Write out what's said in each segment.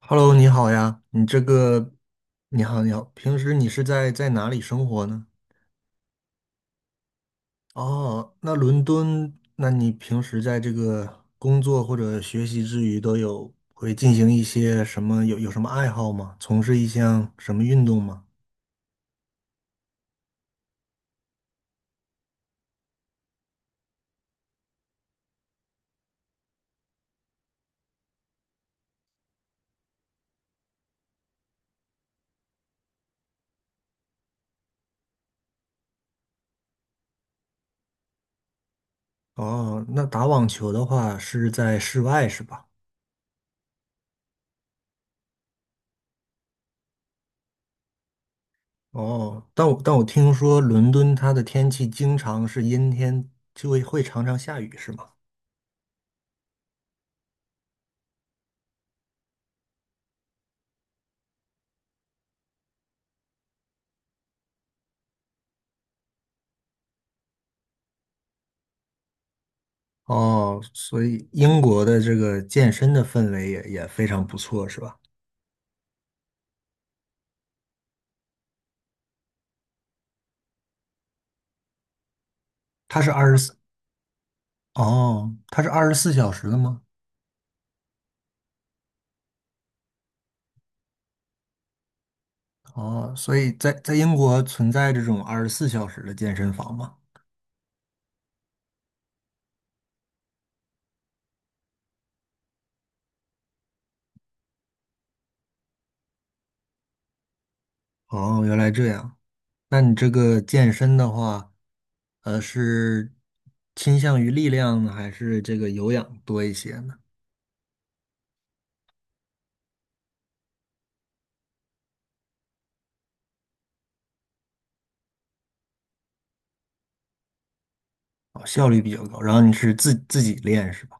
Hello，你好呀，你这个，你好，你好，平时你是在哪里生活呢？哦，那伦敦，那你平时在这个工作或者学习之余，都有会进行一些什么，有什么爱好吗？从事一项什么运动吗？哦，那打网球的话是在室外是吧？哦，但我听说伦敦它的天气经常是阴天，就会常常下雨是吗？哦，所以英国的这个健身的氛围也非常不错，是吧？它是二十四，哦，它是二十四小时的吗？哦，所以在英国存在这种二十四小时的健身房吗？哦，原来这样。那你这个健身的话，是倾向于力量呢，还是这个有氧多一些呢？哦，效率比较高。然后你是自己练是吧？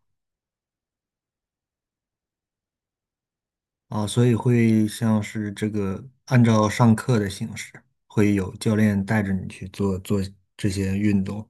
啊，所以会像是这个按照上课的形式，会有教练带着你去做这些运动。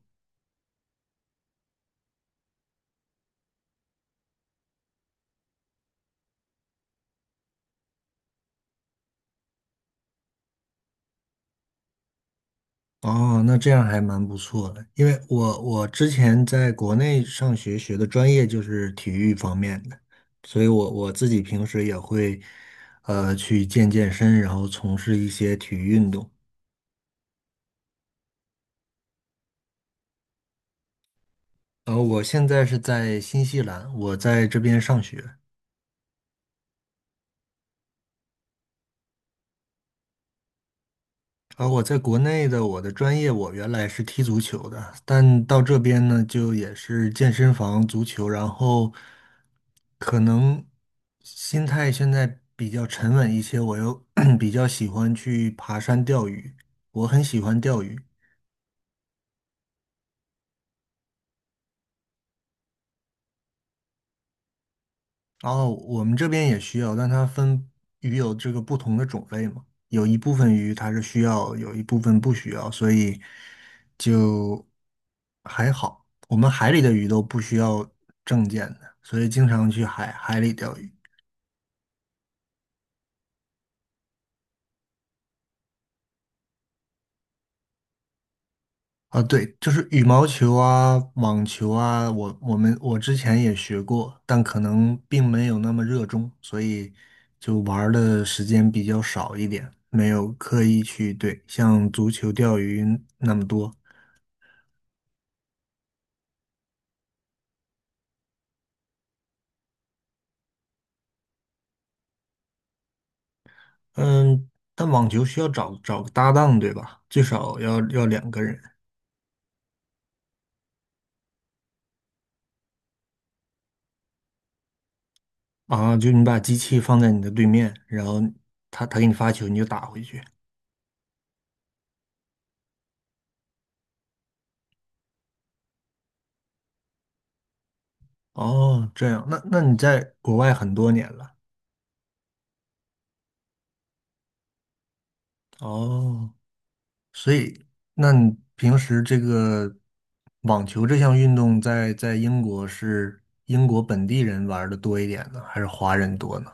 哦，那这样还蛮不错的，因为我之前在国内上学，学的专业就是体育方面的，所以我自己平时也会去健身，然后从事一些体育运动。我现在是在新西兰，我在这边上学。啊，我在国内的我的专业，我原来是踢足球的，但到这边呢，就也是健身房足球，然后可能心态现在比较沉稳一些，我又 比较喜欢去爬山钓鱼，我很喜欢钓鱼。然后我们这边也需要，但它分鱼有这个不同的种类嘛，有一部分鱼它是需要，有一部分不需要，所以就还好。我们海里的鱼都不需要证件的，所以经常去海里钓鱼。啊，对，就是羽毛球啊、网球啊，我之前也学过，但可能并没有那么热衷，所以就玩儿的时间比较少一点，没有刻意去对像足球、钓鱼那么多。嗯，但网球需要找个搭档，对吧？最少要两个人啊，就你把机器放在你的对面，然后他给你发球，你就打回去。哦，这样，那你在国外很多年了。哦，所以，那你平时这个网球这项运动在英国是英国本地人玩的多一点呢，还是华人多呢？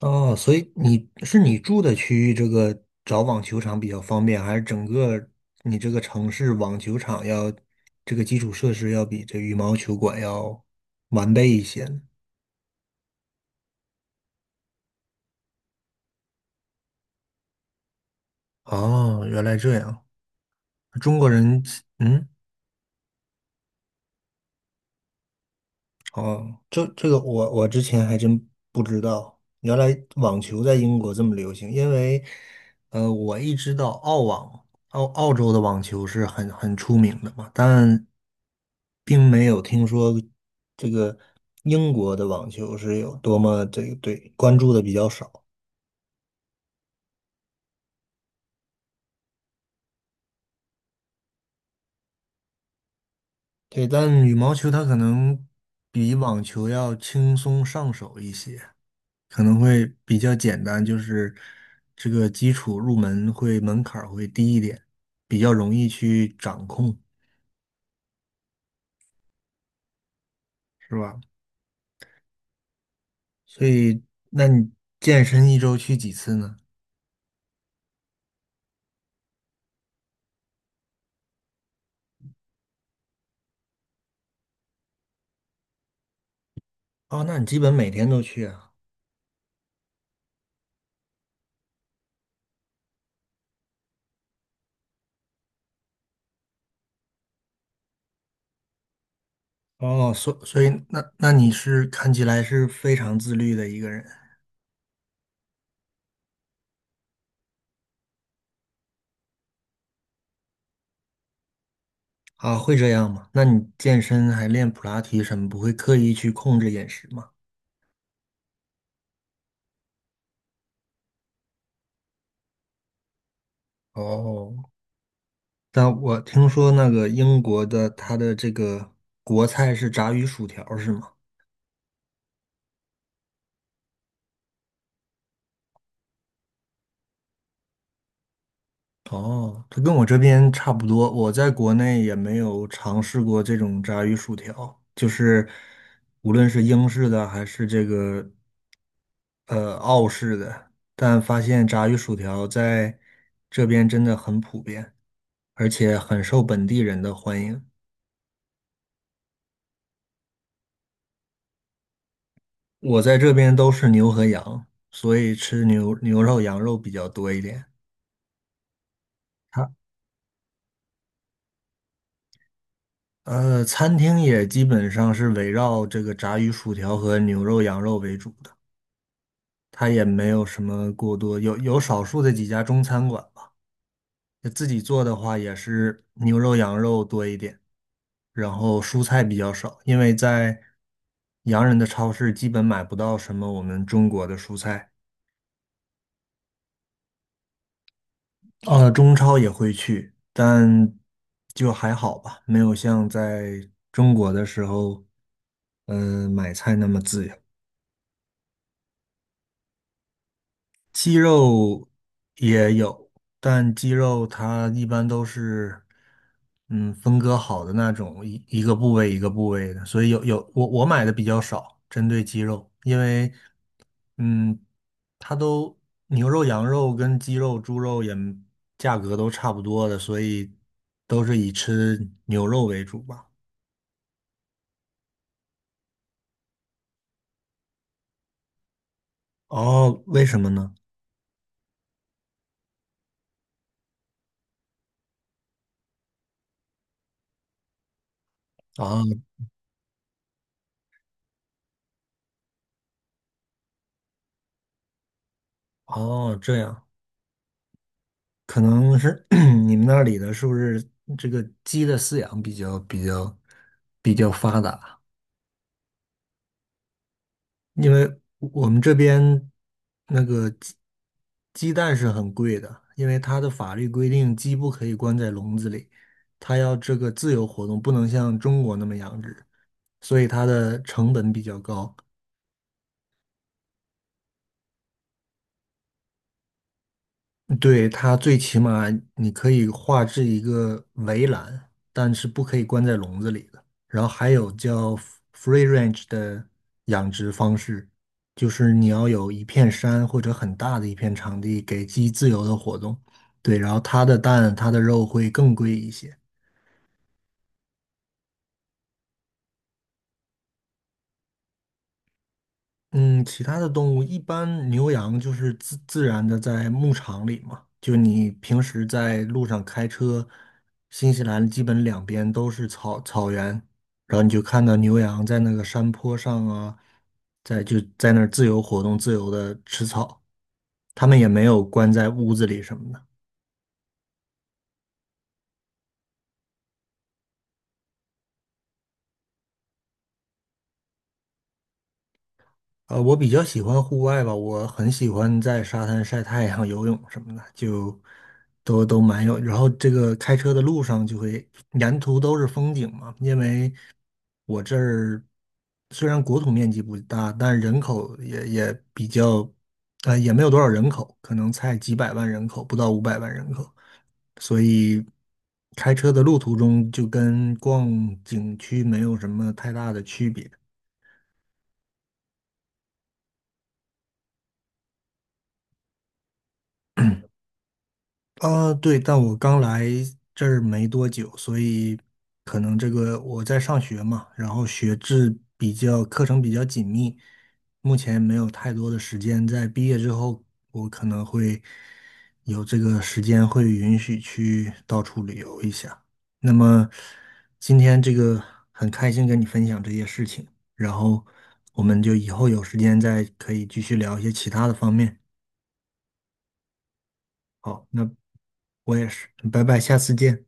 哦，所以你是你住的区域这个找网球场比较方便，还是整个你这个城市网球场要这个基础设施要比这羽毛球馆要完备一些呢？哦，原来这样，中国人，嗯，哦，这个我之前还真不知道，原来网球在英国这么流行。因为，我一知道澳网，澳洲的网球是很出名的嘛，但并没有听说这个英国的网球是有多么这个对关注的比较少。对，但羽毛球它可能比网球要轻松上手一些。可能会比较简单，就是这个基础入门会门槛儿会低一点，比较容易去掌控，是吧？所以，那你健身一周去几次呢？哦，那你基本每天都去啊？哦，所以那你是看起来是非常自律的一个人啊，会这样吗？那你健身还练普拉提什么，不会刻意去控制饮食吗？哦，但我听说那个英国的他的这个国菜是炸鱼薯条，是吗？哦，它跟我这边差不多，我在国内也没有尝试过这种炸鱼薯条，就是无论是英式的还是这个澳式的，但发现炸鱼薯条在这边真的很普遍，而且很受本地人的欢迎。我在这边都是牛和羊，所以吃牛肉、羊肉比较多一点。它餐厅也基本上是围绕这个炸鱼薯条和牛肉、羊肉为主的。它也没有什么过多，有有少数的几家中餐馆吧。就自己做的话，也是牛肉、羊肉多一点，然后蔬菜比较少，因为在洋人的超市基本买不到什么我们中国的蔬菜。中超也会去，但就还好吧，没有像在中国的时候，嗯、买菜那么自由。鸡肉也有，但鸡肉它一般都是，嗯，分割好的那种，一个部位一个部位的，所以有有我我买的比较少，针对鸡肉，因为，嗯，它都牛肉、羊肉跟鸡肉、猪肉也价格都差不多的，所以都是以吃牛肉为主吧。哦，为什么呢？啊，哦，这样。可能是 你们那里的是不是这个鸡的饲养比较发达？因为我们这边那个鸡蛋是很贵的，因为它的法律规定鸡不可以关在笼子里，它要这个自由活动，不能像中国那么养殖，所以它的成本比较高。对，它最起码你可以画制一个围栏，但是不可以关在笼子里的。然后还有叫 r e e range 的养殖方式，就是你要有一片山或者很大的一片场地给鸡自由的活动。对，然后它的蛋、它的肉会更贵一些。嗯，其他的动物一般牛羊就是自然的在牧场里嘛，就你平时在路上开车，新西兰基本两边都是草原，然后你就看到牛羊在那个山坡上啊，在就在那儿自由活动，自由的吃草，它们也没有关在屋子里什么的。我比较喜欢户外吧，我很喜欢在沙滩晒太阳、游泳什么的，就都蛮有。然后这个开车的路上就会沿途都是风景嘛，因为我这儿虽然国土面积不大，但人口也比较，也没有多少人口，可能才几百万人口，不到500万人口，所以开车的路途中就跟逛景区没有什么太大的区别。啊，对，但我刚来这儿没多久，所以可能这个我在上学嘛，然后学制比较，课程比较紧密，目前没有太多的时间。在毕业之后，我可能会有这个时间，会允许去到处旅游一下。那么今天这个很开心跟你分享这些事情，然后我们就以后有时间再可以继续聊一些其他的方面。好，那我也是，拜拜，下次见。